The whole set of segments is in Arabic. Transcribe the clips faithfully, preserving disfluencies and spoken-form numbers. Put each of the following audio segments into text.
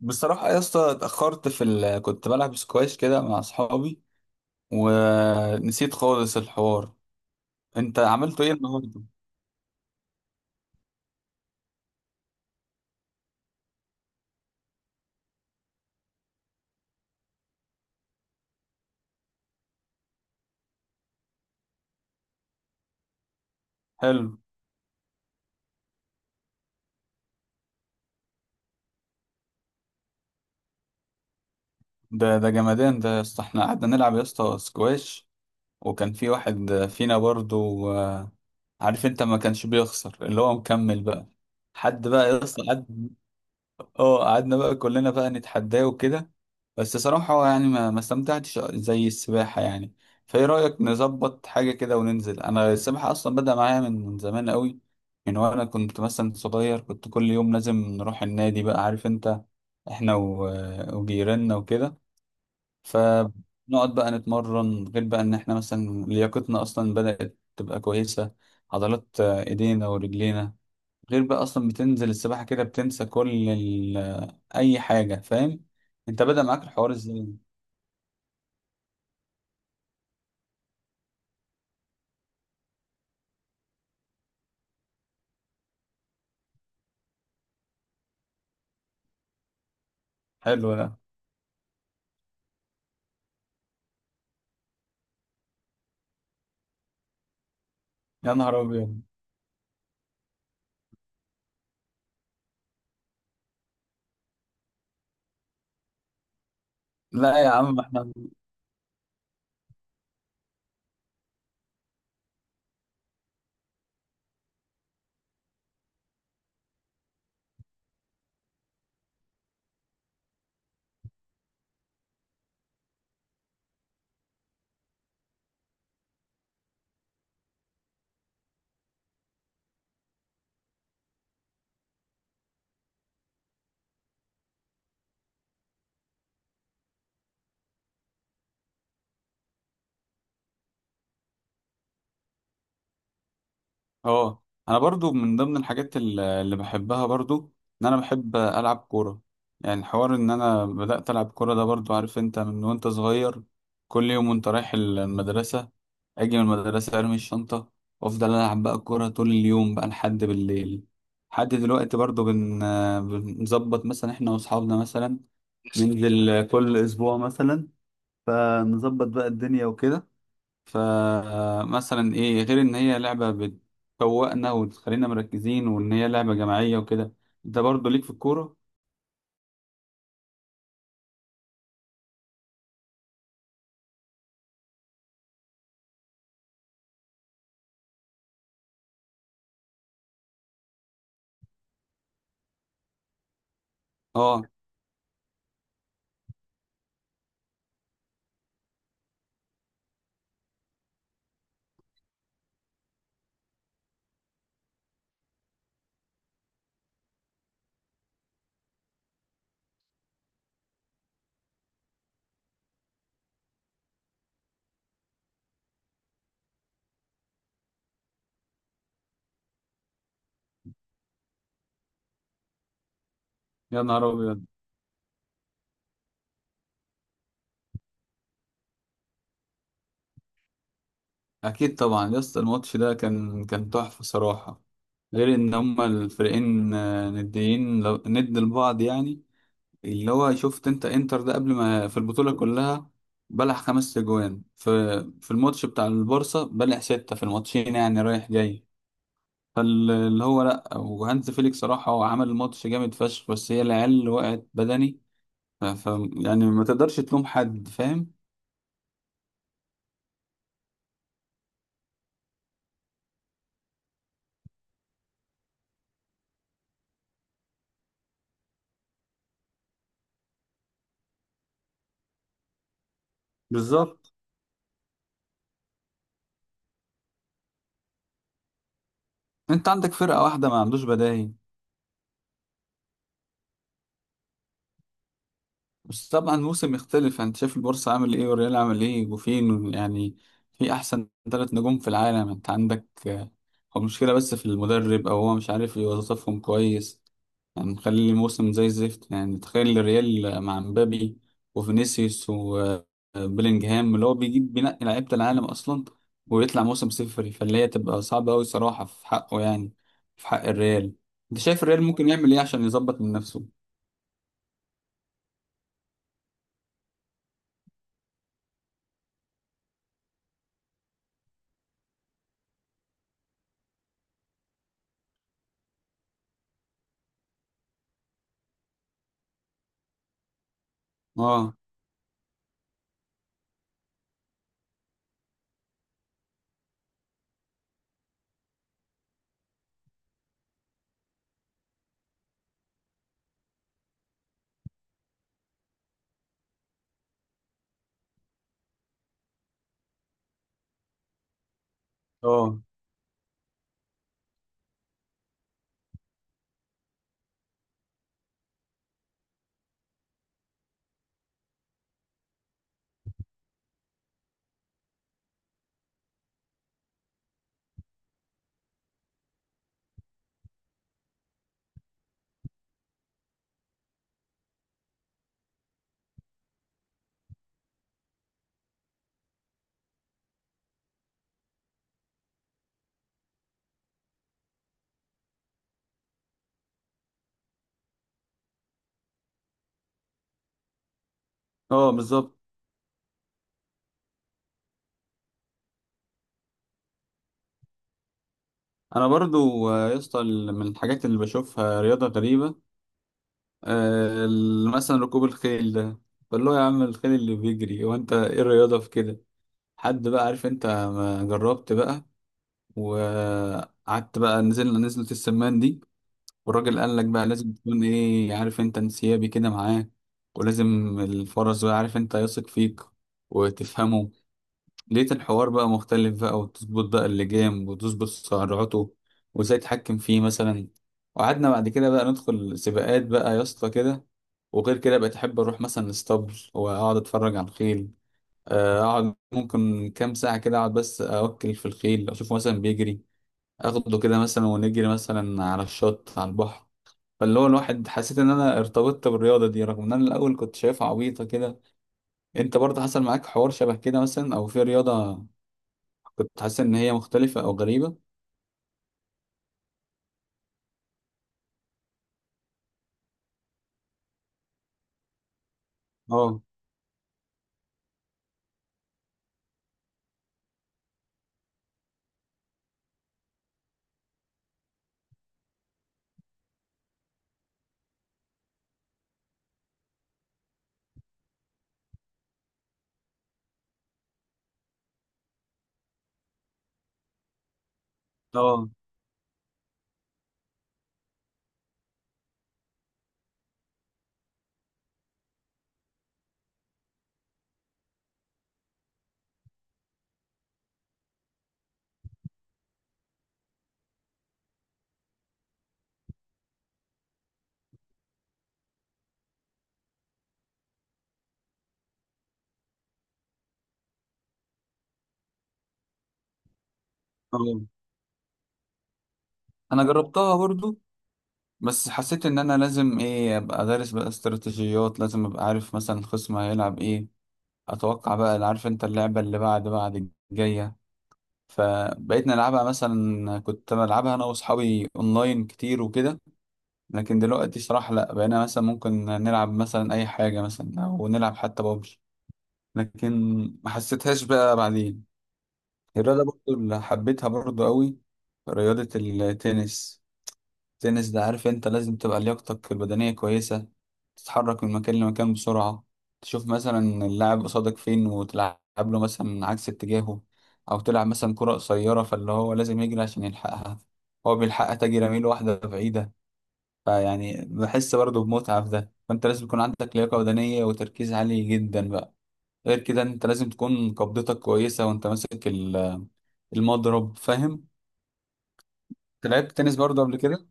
بصراحة يا اسطى اتأخرت في ال... كنت بلعب سكواش كده مع أصحابي ونسيت خالص الحوار. أنت عملته إيه النهاردة؟ حلو. ده ده جمدان ده يا اسطى، احنا قعدنا نلعب يا اسطى سكواش وكان في واحد فينا برضو آه، عارف أنت ما كانش بيخسر اللي هو مكمل بقى. حد بقى يا اسطى قعد. اه، قعدنا بقى كلنا بقى نتحداه وكده. بس صراحة هو يعني ما ما استمتعتش زي السباحة يعني. فايه رأيك نظبط حاجة كده وننزل؟ انا السباحة اصلا بدأ معايا من من زمان قوي، من وانا كنت مثلا صغير كنت كل يوم لازم نروح النادي بقى عارف انت، احنا و- وجيراننا وكده. فنقعد بقى نتمرن، غير بقى ان احنا مثلا لياقتنا اصلا بدأت تبقى كويسة، عضلات ايدينا ورجلينا. غير بقى اصلا بتنزل السباحة كده بتنسى كل ال... اي حاجة، فاهم. انت بدأ معاك الحوار ازاي؟ حلو ده. يا نهار ابيض. لا يا عم احنا. اه، انا برضو من ضمن الحاجات ال- اللي بحبها برضو ان انا بحب العب كوره. يعني حوار ان انا بدات العب كوره ده برضو عارف انت من وانت صغير، كل يوم وانت رايح المدرسه اجي من المدرسه ارمي الشنطه وافضل العب بقى كوره طول اليوم بقى لحد بالليل. لحد دلوقتي برضو بن... بنظبط مثلا احنا واصحابنا مثلا ننزل كل اسبوع مثلا، فنظبط بقى الدنيا وكده. فمثلا ايه؟ غير ان هي لعبة بتفوقنا وتخلينا مركزين وان هي لعبة جماعية وكده. انت برضه ليك في الكورة؟ اه. يا نهار ابيض. اكيد طبعا يا اسطى، الماتش ده كان كان تحفة صراحة، غير ان هما الفريقين آه، نديين، لو- ند لبعض يعني. اللي هو شفت انت انتر ده قبل، ما في البطولة كلها بلع خمس اجوان، في في الماتش بتاع البارسا بلع ستة في الماتشين يعني رايح جاي. فاللي هو لا، وهانز فيليك صراحة هو عمل الماتش جامد فشخ، بس هي العيال اللي وقعت بدني. ف ف- يعني ما تقدرش تلوم حد، فاهم. بالظبط. انت عندك فرقة واحدة ما عندوش بدايل. بس طبعا الموسم يختلف، انت شايف البورصة عامل ايه والريال عامل ايه وفين يعني. في احسن ثلاث نجوم في العالم انت عندك. آه، هو المشكلة بس في المدرب او هو مش عارف يوظفهم كويس، هنخلي الموسم زي الزفت. يعني تخيل الريال مع مبابي وفينيسيوس وبيلينجهام اللي هو بيجيب بينقي لعيبة العالم أصلا ويطلع موسم صفري، فاللي هي تبقى صعبة أوي صراحة في حقه يعني، في حق الريال. أنت شايف الريال ممكن يعمل إيه عشان يظبط من نفسه؟ أه. أه. أه، بالظبط. أنا برضو آه، يا اسطى ال- من الحاجات اللي بشوفها رياضة غريبة، آه، ال- مثلا ركوب الخيل ده. فاللي هو يا عم الخيل اللي بيجري، وأنت إيه الرياضة في كده؟ حد بقى عارف انت، ما جربت بقى وقعدت بقى، نزلنا نزلة السمان دي والراجل قال لك بقى لازم تكون ايه عارف انت، انسيابي كده معاه، ولازم الفرس بقى عارف انت يثق فيك وتفهمه. لقيت الحوار بقى مختلف بقى، وتظبط بقى اللجام وتظبط سرعته وازاي تتحكم فيه مثلا. وقعدنا بعد كده بقى ندخل سباقات بقى يا اسطى كده. وغير كده بقيت احب اروح مثلا الاسطبل واقعد اتفرج على الخيل. آه، اقعد ممكن كام ساعة كده، اقعد بس اوكل في الخيل، اشوفه مثلا بيجري، اخده كده مثلا ونجري مثلا على الشط على البحر. فاللي هو الواحد حسيت ان انا ارتبطت بالرياضة دي رغم ان انا الاول كنت شايفها عبيطة كده. انت برضه حصل معاك حوار شبه كده مثلا، او في رياضة كنت حاسس ان هي مختلفة او غريبة؟ اه. اه. اه، انا جربتها برضه بس حسيت ان انا لازم ايه ابقى دارس بقى استراتيجيات، لازم ابقى عارف مثلا الخصم هيلعب ايه، اتوقع بقى عارف انت اللعبة اللي بعد بعد الجاية. فبقيت نلعبها مثلا، كنت بلعبها انا واصحابي اونلاين كتير وكده. لكن دلوقتي صراحة لا، بقينا مثلا ممكن نلعب مثلا اي حاجة مثلا، او نلعب حتى بابجي. لكن ما حسيتهاش بقى بعدين. الرياضة برضو اللي حبيتها برضو قوي، رياضة التنس. التنس ده عارف انت لازم تبقى لياقتك البدنية كويسة، تتحرك من مكان لمكان بسرعة، تشوف مثلا اللاعب قصادك فين وتلعب له مثلا عكس اتجاهه، او تلعب مثلا كرة قصيرة فاللي هو لازم يجري عشان يلحقها. هو بيلحقها تجي رميل واحدة بعيدة. فيعني بحس برضه بمتعة في ده. فانت لازم يكون عندك لياقة بدنية وتركيز عالي جدا بقى، غير كده انت لازم تكون قبضتك كويسة وانت ماسك ال- المضرب، فاهم؟ أنت لعبت تنس برضه قبل كده؟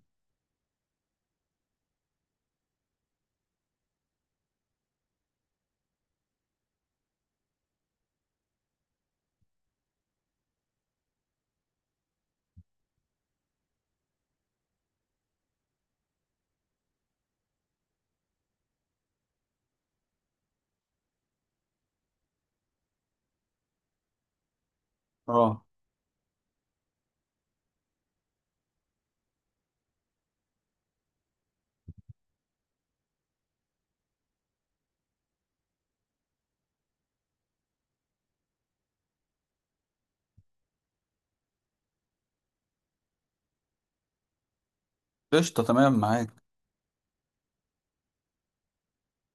اه، قشطة، تمام معاك.